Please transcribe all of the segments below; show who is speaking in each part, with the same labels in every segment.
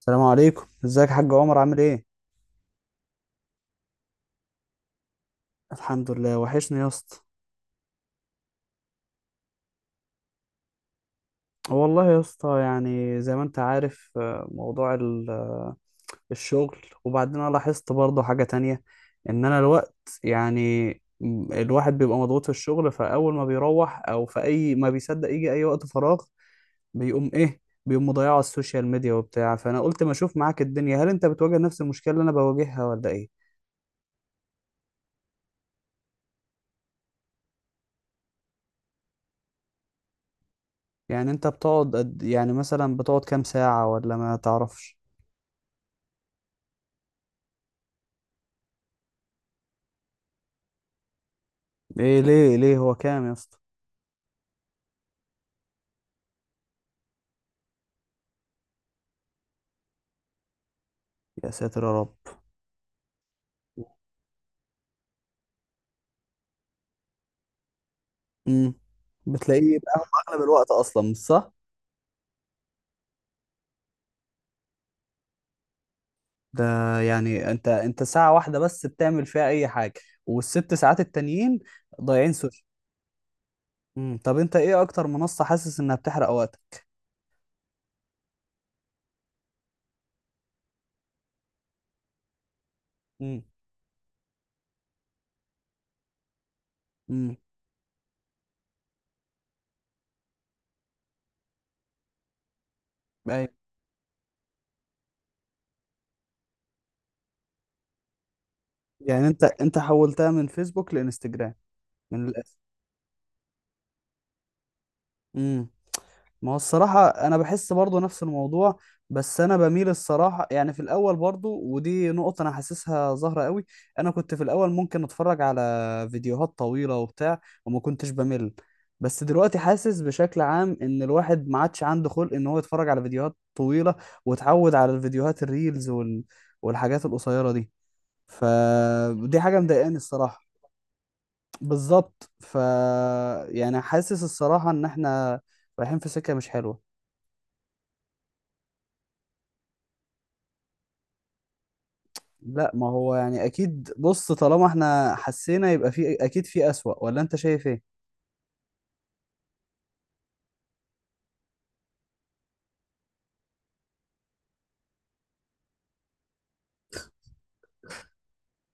Speaker 1: السلام عليكم، ازيك يا حاج عمر، عامل ايه؟ الحمد لله، وحشني يا اسطى. والله يا اسطى يعني زي ما انت عارف موضوع الشغل. وبعدين انا لاحظت برضه حاجة تانية، ان انا الوقت يعني الواحد بيبقى مضغوط في الشغل، فاول ما بيروح او في اي ما بيصدق يجي اي وقت فراغ بيقوم ايه؟ بيقوم مضيعه على السوشيال ميديا وبتاع. فانا قلت ما اشوف معاك الدنيا، هل انت بتواجه نفس المشكلة اللي انا بواجهها ولا ايه؟ يعني انت بتقعد يعني مثلا بتقعد كام ساعة ولا ما تعرفش؟ ايه ليه هو كام يا اسطى؟ يا ساتر يا رب. امم، بتلاقيه بقى هو اغلب الوقت اصلا مش صح. ده يعني انت ساعة واحدة بس بتعمل فيها اي حاجة، والست ساعات التانيين ضايعين سوشيال. امم، طب انت ايه اكتر منصة حاسس انها بتحرق وقتك؟ امم. امم. ايوه. يعني انت حولتها من فيسبوك لانستجرام من الاخر. امم. ما هو الصراحة أنا بحس برضو نفس الموضوع، بس أنا بميل الصراحة، يعني في الأول برضو ودي نقطة أنا حاسسها ظاهرة قوي. أنا كنت في الأول ممكن أتفرج على فيديوهات طويلة وبتاع وما كنتش بمل. بس دلوقتي حاسس بشكل عام إن الواحد ما عادش عنده خلق إن هو يتفرج على فيديوهات طويلة، واتعود على الفيديوهات الريلز والحاجات القصيرة دي. فدي حاجة مضايقاني الصراحة. بالظبط. يعني حاسس الصراحة إن إحنا رايحين في سكة مش حلوة. لا ما هو يعني اكيد، بص طالما احنا حسينا يبقى في اكيد في اسوأ، ولا انت شايف ايه؟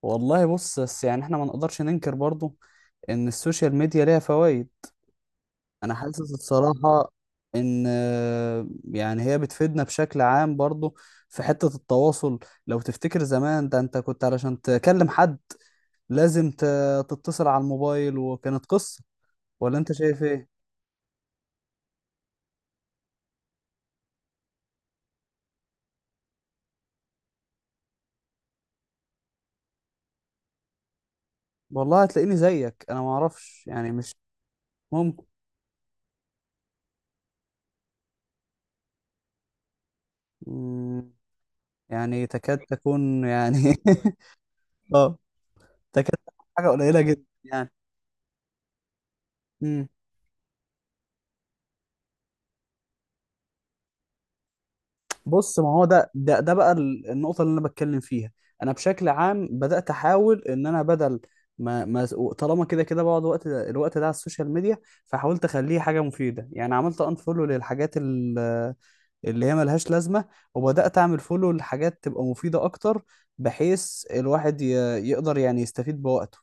Speaker 1: والله بص، بس يعني احنا ما نقدرش ننكر برضو ان السوشيال ميديا ليها فوائد. انا حاسس الصراحة ان يعني هي بتفيدنا بشكل عام برضو في حتة التواصل. لو تفتكر زمان، ده انت كنت علشان تكلم حد لازم تتصل على الموبايل وكانت قصة. ولا انت شايف ايه؟ والله هتلاقيني زيك، انا ما اعرفش يعني، مش ممكن يعني تكاد تكون يعني اه، تكاد تكون حاجة قليلة جدا يعني. امم. بص ما هو ده بقى النقطة اللي أنا بتكلم فيها. أنا بشكل عام بدأت أحاول إن أنا بدل ما طالما كده كده بقعد وقت الوقت ده على السوشيال ميديا، فحاولت أخليه حاجة مفيدة. يعني عملت أنفولو اللي هي ملهاش لازمة، وبدأت أعمل فولو لحاجات تبقى مفيدة أكتر، بحيث الواحد يقدر يعني يستفيد بوقته.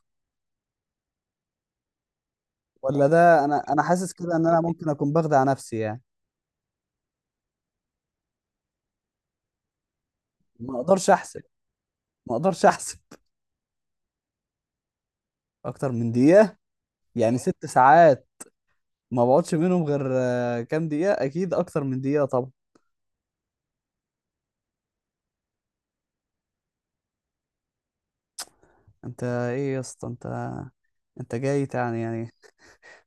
Speaker 1: ولا ده انا حاسس كده ان انا ممكن اكون بخدع نفسي يعني. ما اقدرش احسب. ما اقدرش احسب اكتر من دقيقة. يعني ست ساعات ما بقعدش منهم غير كام دقيقة، اكيد اكتر من دقيقة طبعا. انت ايه يا اسطى؟ انت جاي يعني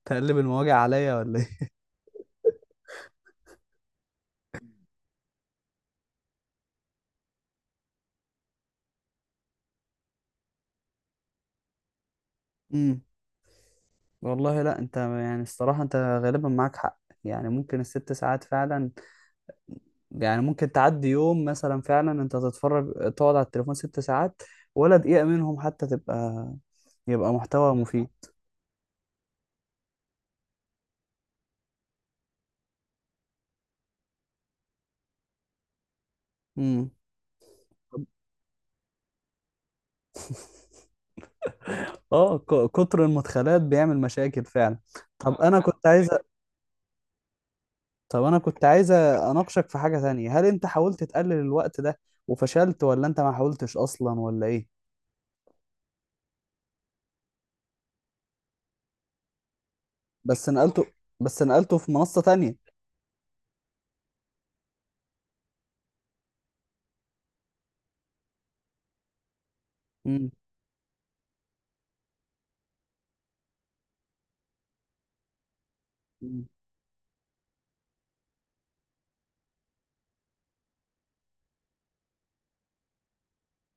Speaker 1: تقلب المواجع عليا ولا ايه؟ امم. والله، لا انت يعني الصراحة انت غالبا معاك حق. يعني ممكن الست ساعات فعلا، يعني ممكن تعدي يوم مثلا فعلا انت تتفرج تقعد على التليفون ست ساعات ولا دقيقة منهم حتى تبقى يبقى محتوى مفيد. امم. اه، كتر المدخلات بيعمل مشاكل فعلا. طب انا كنت عايز، طب انا كنت عايز اناقشك في حاجة تانية. هل انت حاولت تقلل الوقت ده وفشلت، ولا انت ما حاولتش اصلا، ولا ايه؟ بس نقلته. بس نقلته في منصة تانية. امم. أمم.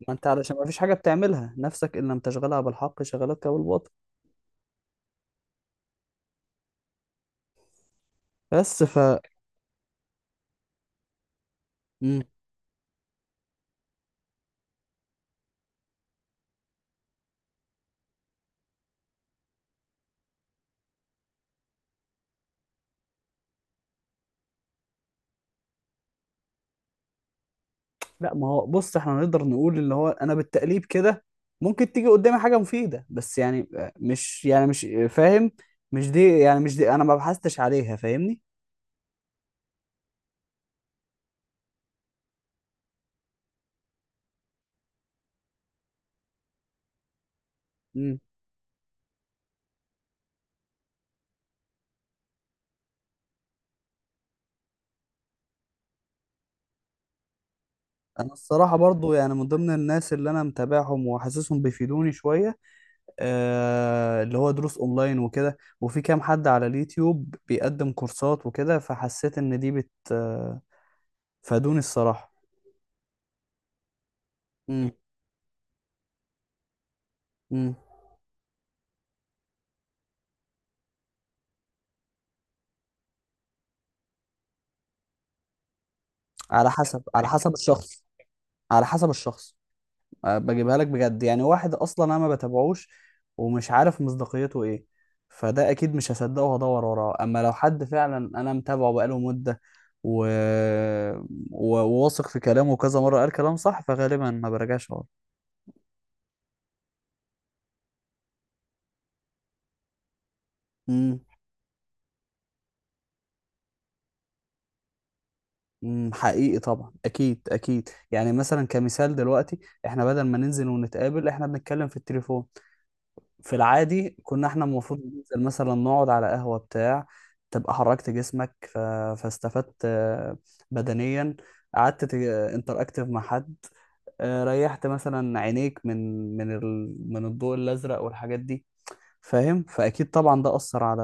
Speaker 1: ما انت علشان ما فيش حاجة بتعملها نفسك، ان لم تشغلها بالحق شغلتك بالباطل. بس ف لا ما هو بص، احنا نقدر نقول اللي هو انا بالتقليب كده ممكن تيجي قدامي حاجه مفيده، بس يعني مش يعني مش فاهم. مش دي، يعني مش دي انا ما بحثتش عليها، فاهمني؟ مم. انا الصراحه برضو يعني من ضمن الناس اللي انا متابعهم وحاسسهم بيفيدوني شويه. آه، اللي هو دروس اونلاين وكده، وفي كام حد على اليوتيوب بيقدم كورسات وكده، فحسيت ان دي بت آه، فادوني الصراحه. امم. امم. على حسب، على حسب الشخص. على حسب الشخص. أه، بجيبها لك بجد، يعني واحد اصلا انا ما بتابعوش ومش عارف مصداقيته ايه، فده اكيد مش هصدقه وهدور وراه. اما لو حد فعلا انا متابعه بقاله مدة و... وواثق في كلامه، كذا مرة قال كلام صح، فغالبا ما برجعش وراه. امم. أمم، حقيقي طبعا، اكيد اكيد. يعني مثلا كمثال دلوقتي احنا بدل ما ننزل ونتقابل احنا بنتكلم في التليفون. في العادي كنا احنا المفروض ننزل مثلا نقعد على قهوة بتاع، تبقى حركت جسمك، فاستفدت بدنيا، قعدت انتر اكتف مع حد، ريحت مثلا عينيك من من الضوء الازرق والحاجات دي، فاهم؟ فاكيد طبعا ده اثر على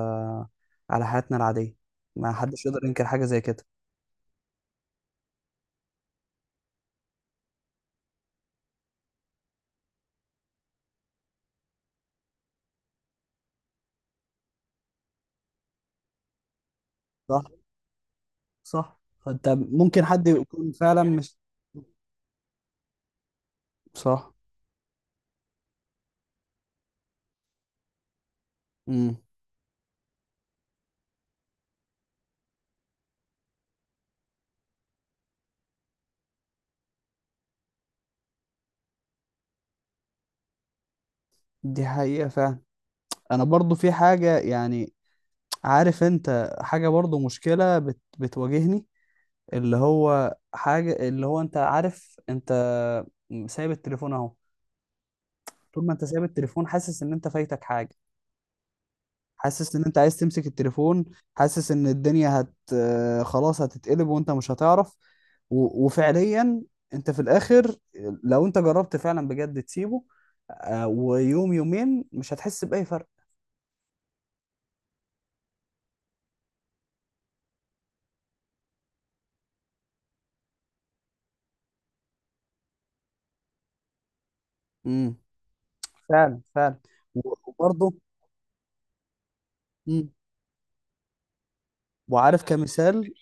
Speaker 1: على حياتنا العادية، ما حدش يقدر ينكر حاجة زي كده. صح. صح. فانت ممكن حد يكون فعلا مش صح. امم. دي حقيقة فعلا. انا برضو في حاجة يعني، عارف انت حاجة برضو مشكلة بتواجهني، اللي هو حاجة اللي هو انت عارف انت سايب التليفون اهو، طول ما انت سايب التليفون حاسس ان انت فايتك حاجة. حاسس ان انت عايز تمسك التليفون. حاسس ان الدنيا هت آه، خلاص هتتقلب وانت مش هتعرف. وفعليا انت في الاخر لو انت جربت فعلا بجد تسيبه ويوم يومين مش هتحس بأي فرق. امم، فعلا فعلا. وبرضه. مم. وعارف كمثال.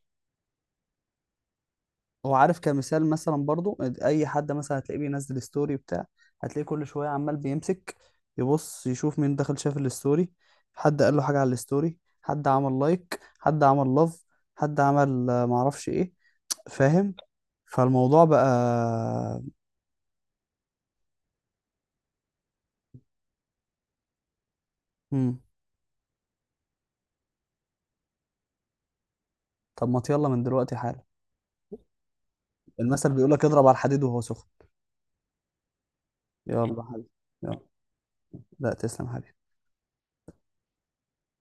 Speaker 1: هو عارف كمثال مثلا برضو اي حد مثلا هتلاقيه بينزل ستوري بتاع، هتلاقيه كل شويه عمال بيمسك، يبص يشوف مين دخل شاف الستوري، حد قال له حاجه على الستوري، حد عمل لايك، حد عمل لاف، حد عمل معرفش ايه، فاهم. فالموضوع بقى. مم. طب ما يلا من دلوقتي حالا. المثل بيقول لك اضرب على الحديد وهو سخن. يلا حبيبي. يلا. لا، تسلم حبيبي.